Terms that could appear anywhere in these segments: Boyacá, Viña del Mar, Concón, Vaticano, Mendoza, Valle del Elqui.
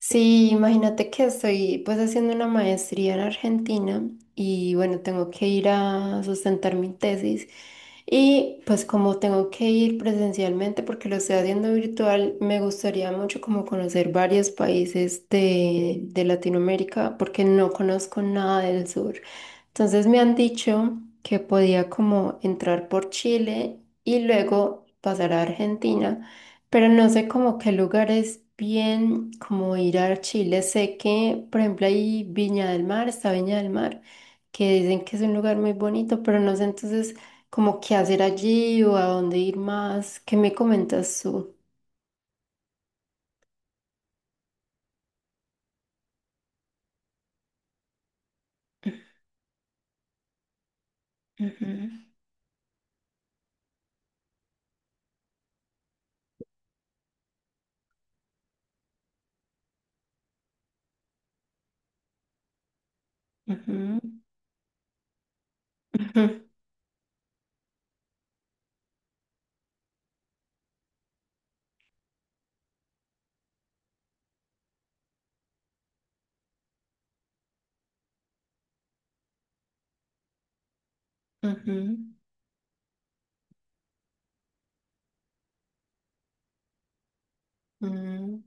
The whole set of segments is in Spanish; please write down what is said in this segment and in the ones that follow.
Sí, imagínate que estoy pues haciendo una maestría en Argentina y bueno, tengo que ir a sustentar mi tesis y pues como tengo que ir presencialmente porque lo estoy haciendo virtual, me gustaría mucho como conocer varios países de Latinoamérica porque no conozco nada del sur. Entonces me han dicho que podía como entrar por Chile y luego pasar a Argentina, pero no sé como qué lugares bien como ir a Chile. Sé que, por ejemplo, hay Viña del Mar, está Viña del Mar, que dicen que es un lugar muy bonito, pero no sé entonces como qué hacer allí o a dónde ir más. ¿Qué me comentas tú? Ujú, ujú, ujú, ujú,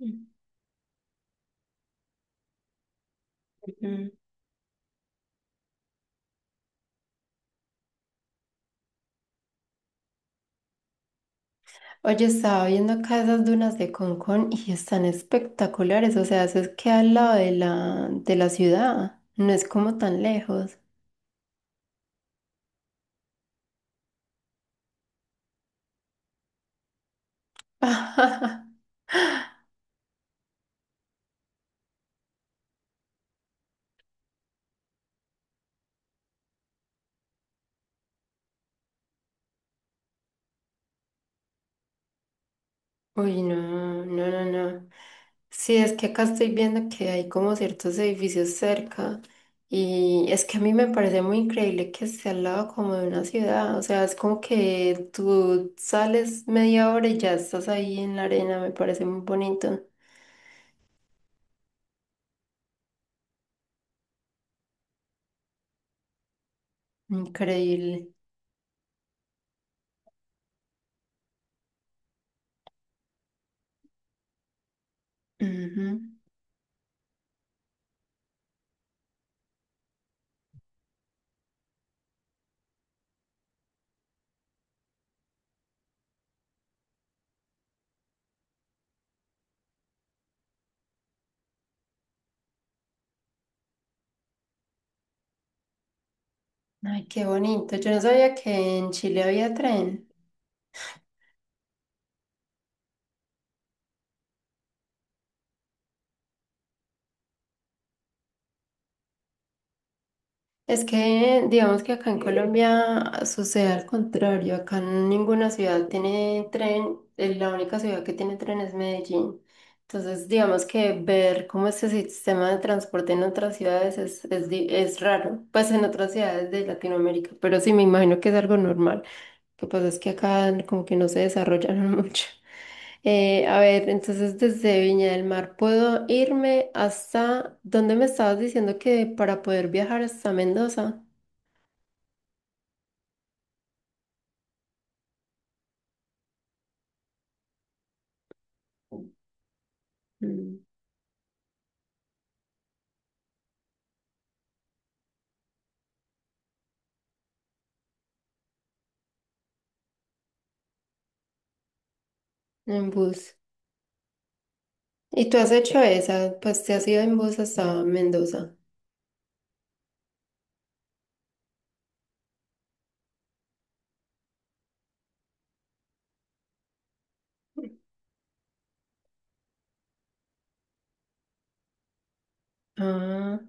ujú, ujú. Oye, estaba viendo acá esas dunas de Concón y están espectaculares. O sea, eso es que al lado de la ciudad. No es como tan lejos. Uy, no, no, no, no. Sí, es que acá estoy viendo que hay como ciertos edificios cerca. Y es que a mí me parece muy increíble que esté al lado como de una ciudad. O sea, es como que tú sales media hora y ya estás ahí en la arena. Me parece muy bonito. Increíble. Ay, qué bonito. Yo no sabía que en Chile había tren. Es que digamos que acá en Colombia sucede al contrario. Acá ninguna ciudad tiene tren. La única ciudad que tiene tren es Medellín. Entonces, digamos que ver cómo este sistema de transporte en otras ciudades es raro. Pues en otras ciudades de Latinoamérica, pero sí me imagino que es algo normal. Lo que pasa es que acá como que no se desarrollaron mucho. A ver, entonces desde Viña del Mar puedo irme hasta ¿dónde me estabas diciendo que para poder viajar hasta Mendoza? Mm, en bus. ¿Y tú has hecho esa? Pues te has ido en bus hasta Mendoza. Ah,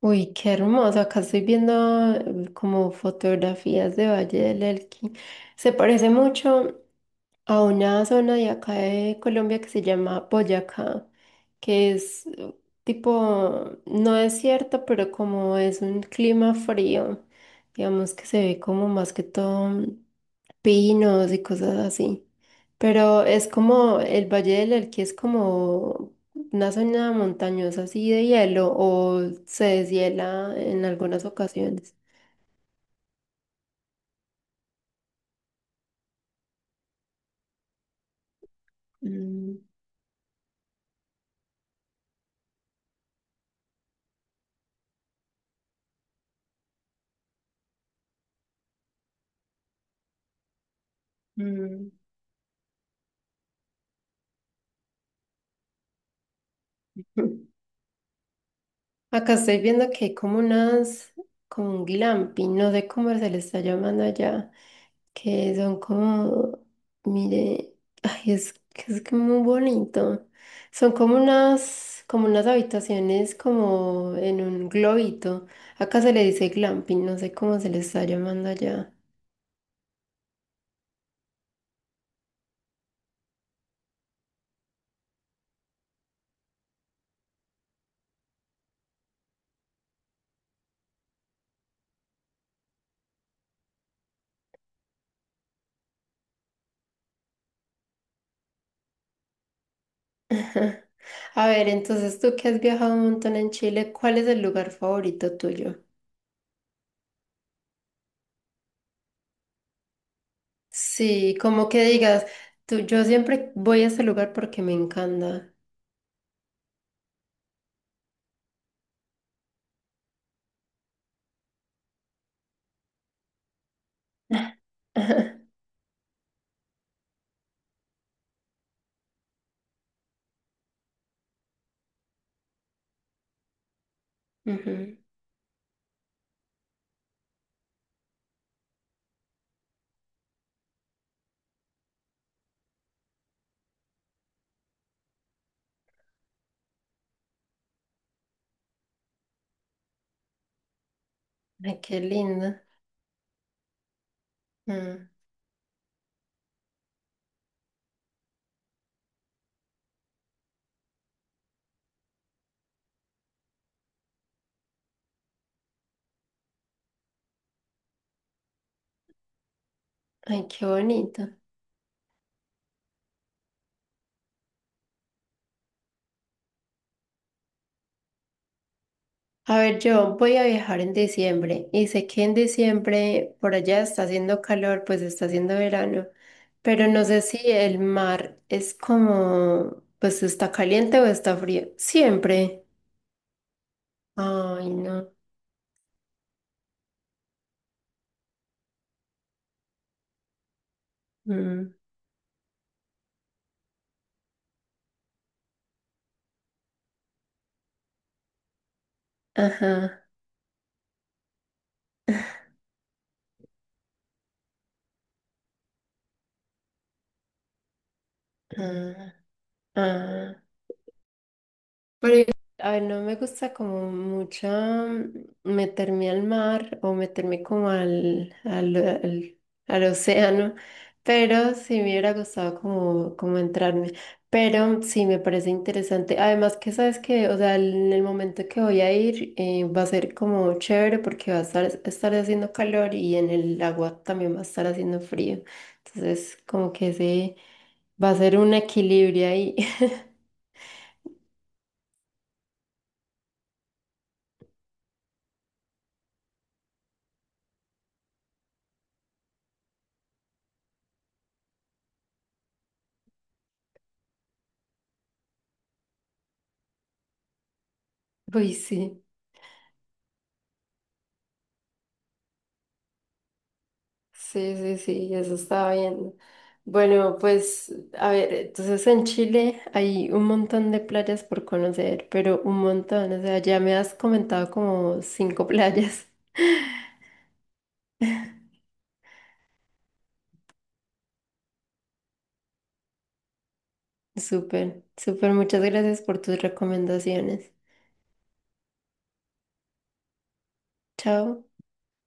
uy, qué hermoso. Acá estoy viendo como fotografías de Valle del Elqui. Se parece mucho a una zona de acá de Colombia que se llama Boyacá, que es tipo, no es cierto, pero como es un clima frío, digamos que se ve como más que todo pinos y cosas así. Pero es como el Valle del Elqui es como una zona montañosa así de hielo o se deshiela en algunas ocasiones. Mm, mm. Acá estoy viendo que hay como unas, como un glamping, no sé cómo se le está llamando allá, que son como, mire, ay, es que muy bonito. Son como unas habitaciones como en un globito. Acá se le dice glamping, no sé cómo se le está llamando allá. A ver, entonces tú que has viajado un montón en Chile, ¿cuál es el lugar favorito tuyo? Sí, como que digas, tú, yo siempre voy a ese lugar porque me encanta. Ujú. Ay, qué lindo. Mm, ay, qué bonito. A ver, yo voy a viajar en diciembre y sé que en diciembre por allá está haciendo calor, pues está haciendo verano, pero no sé si el mar es como, pues está caliente o está frío. Siempre. Ay, no. Mm, ajá. Ah, ah. Pero, igual, a ver, no me gusta como mucho meterme al mar o meterme como al océano, pero sí me hubiera gustado como, como entrarme. Pero sí me parece interesante. Además que sabes que, o sea, en el momento que voy a ir va a ser como chévere porque va a estar haciendo calor y en el agua también va a estar haciendo frío. Entonces, como que ese va a ser un equilibrio ahí. Uy, sí. Sí, sí, sí, eso estaba viendo. Bueno, pues a ver, entonces en Chile hay un montón de playas por conocer, pero un montón, o sea, ya me has comentado como cinco playas. Súper, súper, muchas gracias por tus recomendaciones. Chao.